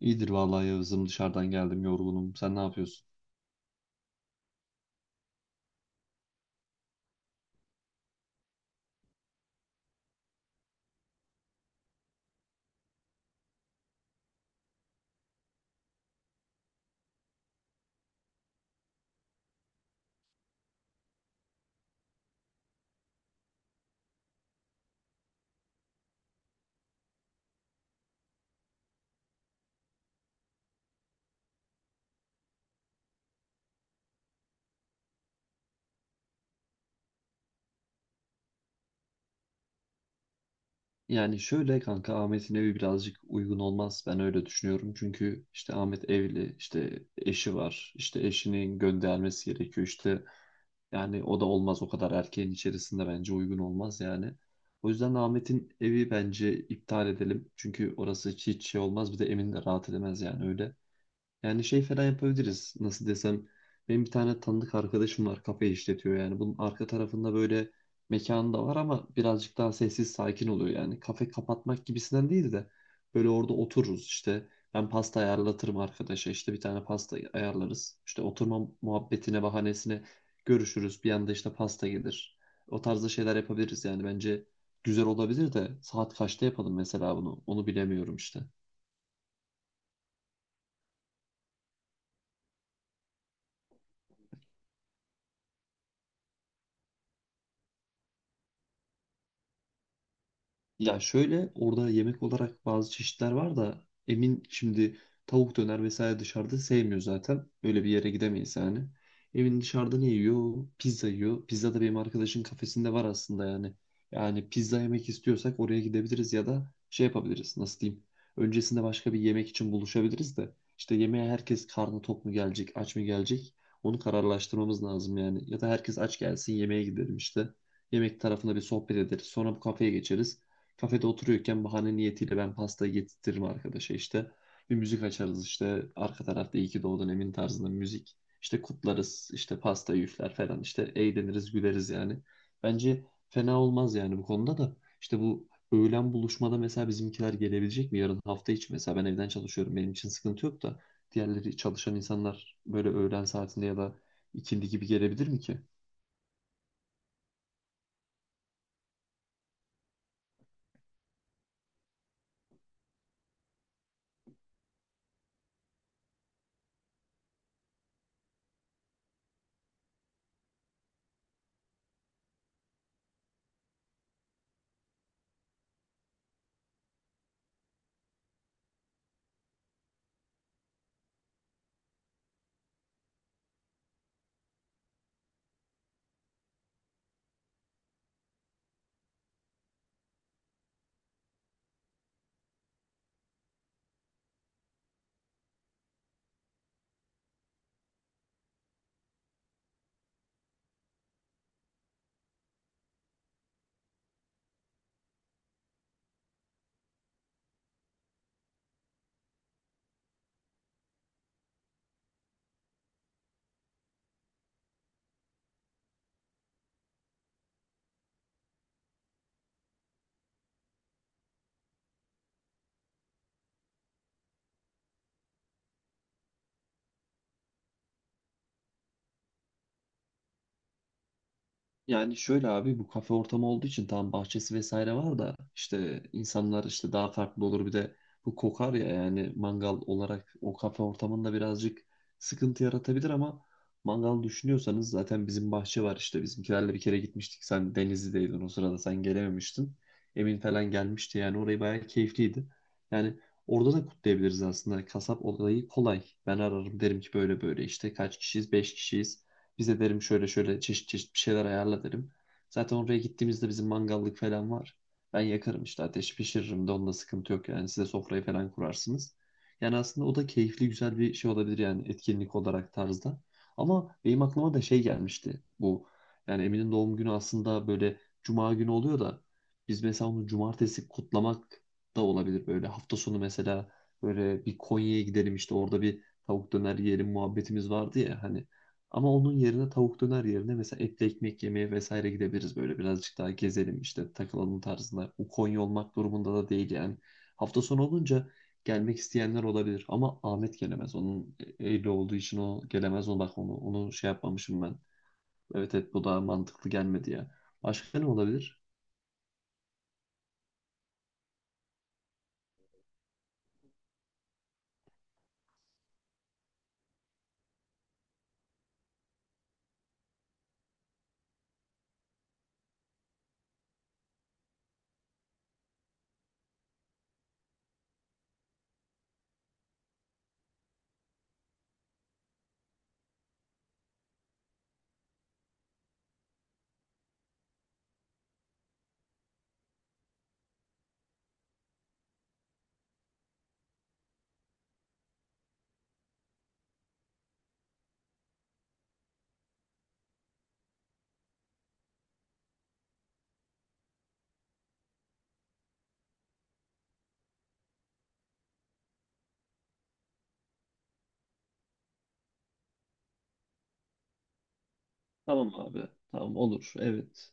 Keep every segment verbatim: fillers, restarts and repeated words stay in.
İyidir vallahi Yağız'ım dışarıdan geldim yorgunum. Sen ne yapıyorsun? Yani şöyle kanka Ahmet'in evi birazcık uygun olmaz. Ben öyle düşünüyorum. Çünkü işte Ahmet evli, işte eşi var. İşte eşinin göndermesi gerekiyor. İşte yani o da olmaz o kadar erkeğin içerisinde bence uygun olmaz yani. O yüzden Ahmet'in evi bence iptal edelim. Çünkü orası hiç hiç şey olmaz. Bir de Emin de rahat edemez yani öyle. Yani şey falan yapabiliriz. Nasıl desem. Benim bir tane tanıdık arkadaşım var. Kafe işletiyor yani. Bunun arka tarafında böyle mekanı da var ama birazcık daha sessiz sakin oluyor yani. Kafe kapatmak gibisinden değil de böyle orada otururuz işte. Ben pasta ayarlatırım arkadaşa. İşte bir tane pasta ayarlarız. İşte oturma muhabbetine bahanesine görüşürüz. Bir anda işte pasta gelir. O tarzda şeyler yapabiliriz yani. Bence güzel olabilir de saat kaçta yapalım mesela bunu? Onu bilemiyorum işte. Ya şöyle orada yemek olarak bazı çeşitler var da emin şimdi tavuk döner vesaire dışarıda sevmiyor zaten. Öyle bir yere gidemeyiz yani. Emin dışarıda ne yiyor? Pizza yiyor. Pizza da benim arkadaşın kafesinde var aslında yani. Yani pizza yemek istiyorsak oraya gidebiliriz ya da şey yapabiliriz. Nasıl diyeyim? Öncesinde başka bir yemek için buluşabiliriz de işte yemeğe herkes karnı tok mu gelecek, aç mı gelecek? Onu kararlaştırmamız lazım yani. Ya da herkes aç gelsin yemeğe gidelim işte. Yemek tarafında bir sohbet ederiz. Sonra bu kafeye geçeriz kafede oturuyorken bahane niyetiyle ben pastayı getirtirim arkadaşa işte. Bir müzik açarız işte arka tarafta iyi ki doğdun Emin tarzında müzik. İşte kutlarız işte pasta üfler falan işte eğleniriz güleriz yani. Bence fena olmaz yani bu konuda da. İşte bu öğlen buluşmada mesela bizimkiler gelebilecek mi? Yarın hafta içi mesela ben evden çalışıyorum benim için sıkıntı yok da. Diğerleri çalışan insanlar böyle öğlen saatinde ya da ikindi gibi gelebilir mi ki? Yani şöyle abi bu kafe ortamı olduğu için tam bahçesi vesaire var da işte insanlar işte daha farklı olur bir de bu kokar ya yani mangal olarak o kafe ortamında birazcık sıkıntı yaratabilir ama mangal düşünüyorsanız zaten bizim bahçe var işte bizimkilerle bir kere gitmiştik sen Denizli'deydin o sırada sen gelememiştin Emin falan gelmişti yani orayı bayağı keyifliydi yani orada da kutlayabiliriz aslında kasap olayı kolay ben ararım derim ki böyle böyle işte kaç kişiyiz beş kişiyiz bize derim şöyle şöyle çeşit çeşit bir şeyler ayarla derim. Zaten oraya gittiğimizde bizim mangallık falan var. Ben yakarım işte ateş pişiririm de onda sıkıntı yok yani size sofrayı falan kurarsınız. Yani aslında o da keyifli güzel bir şey olabilir yani etkinlik olarak tarzda. Ama benim aklıma da şey gelmişti bu. Yani Emin'in doğum günü aslında böyle cuma günü oluyor da biz mesela onu cumartesi kutlamak da olabilir böyle hafta sonu mesela böyle bir Konya'ya gidelim işte orada bir tavuk döner yiyelim muhabbetimiz vardı ya hani ama onun yerine tavuk döner yerine mesela etli ekmek yemeye vesaire gidebiliriz böyle birazcık daha gezelim işte takılalım tarzında. O Konya olmak durumunda da değil yani. Hafta sonu olunca gelmek isteyenler olabilir ama Ahmet gelemez. Onun e, evli olduğu için o gelemez. Onu bak onu, onu şey yapmamışım ben. Evet evet bu daha mantıklı gelmedi ya. Başka ne olabilir? Tamam abi. Tamam olur. Evet.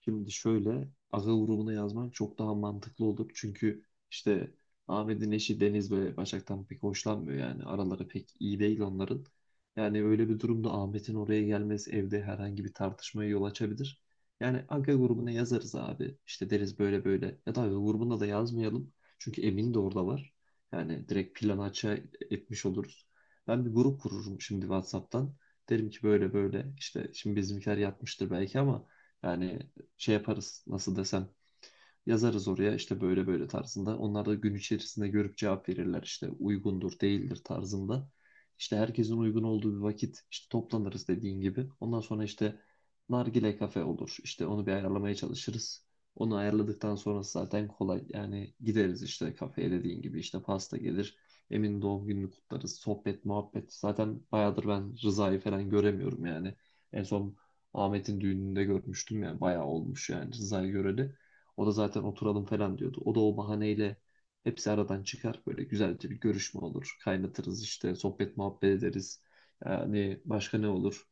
Şimdi şöyle akıl grubuna yazman çok daha mantıklı olur. Çünkü işte Ahmet'in eşi Deniz böyle Başak'tan pek hoşlanmıyor yani. Araları pek iyi değil onların. Yani öyle bir durumda Ahmet'in oraya gelmesi evde herhangi bir tartışmaya yol açabilir. Yani Aga grubuna yazarız abi. İşte deriz böyle böyle. Ya da Aga grubuna da yazmayalım. Çünkü Emin de orada var. Yani direkt planı açığa etmiş oluruz. Ben bir grup kururum şimdi WhatsApp'tan. Derim ki böyle böyle işte şimdi bizimkiler yatmıştır belki ama yani şey yaparız. Nasıl desem. Yazarız oraya işte böyle böyle tarzında. Onlar da gün içerisinde görüp cevap verirler işte uygundur değildir tarzında. İşte herkesin uygun olduğu bir vakit işte toplanırız dediğin gibi. Ondan sonra işte nargile kafe olur. İşte onu bir ayarlamaya çalışırız. Onu ayarladıktan sonrası zaten kolay. Yani gideriz işte kafeye dediğin gibi işte pasta gelir. Emin doğum gününü kutlarız. Sohbet, muhabbet. Zaten bayağıdır ben Rıza'yı falan göremiyorum yani. En son Ahmet'in düğününde görmüştüm yani bayağı olmuş yani Rıza'yı göreli. O da zaten oturalım falan diyordu. O da o bahaneyle hepsi aradan çıkar. Böyle güzelce bir görüşme olur. Kaynatırız işte sohbet muhabbet ederiz. Yani başka ne olur?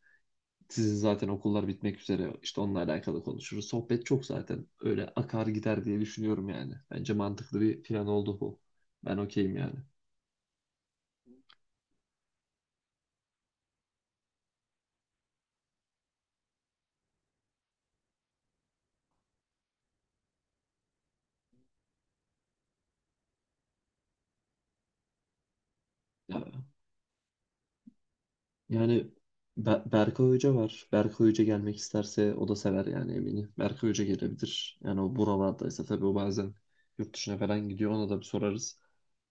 Sizin zaten okullar bitmek üzere işte onunla alakalı konuşuruz. Sohbet çok zaten öyle akar gider diye düşünüyorum yani. Bence mantıklı bir plan oldu bu. Ben okeyim yani. Ya- Yani Be- Berkay Hoca var. Berkay Hoca gelmek isterse o da sever yani eminim. Berkay Hoca gelebilir. Yani o buralardaysa tabii o bazen yurt dışına falan gidiyor. Ona da bir sorarız.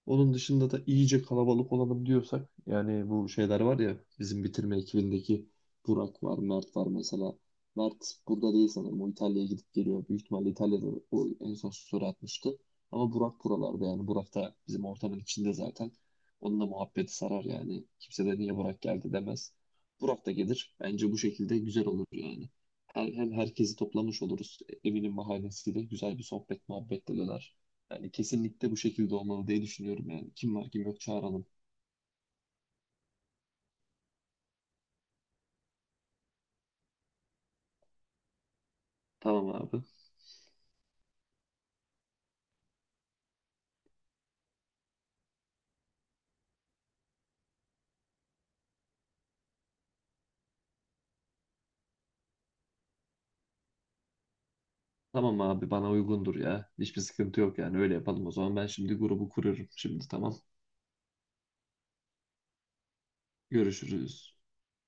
Onun dışında da iyice kalabalık olalım diyorsak yani bu şeyler var ya bizim bitirme ekibindeki Burak var, Mert var mesela. Mert burada değil sanırım. O İtalya'ya gidip geliyor. Büyük ihtimalle İtalya'da o en son story atmıştı. Ama Burak buralarda yani. Burak da bizim ortamın içinde zaten. Onunla muhabbeti sarar yani. Kimse de niye Burak geldi demez. Burak da gelir. Bence bu şekilde güzel olur yani. Hem, hem herkesi toplamış oluruz. Eminim bahanesiyle güzel bir sohbet muhabbet de döner. Yani kesinlikle bu şekilde olmalı diye düşünüyorum yani. Kim var kim yok çağıralım. Tamam abi. Tamam abi bana uygundur ya. Hiçbir sıkıntı yok yani öyle yapalım o zaman. Ben şimdi grubu kuruyorum şimdi tamam. Görüşürüz.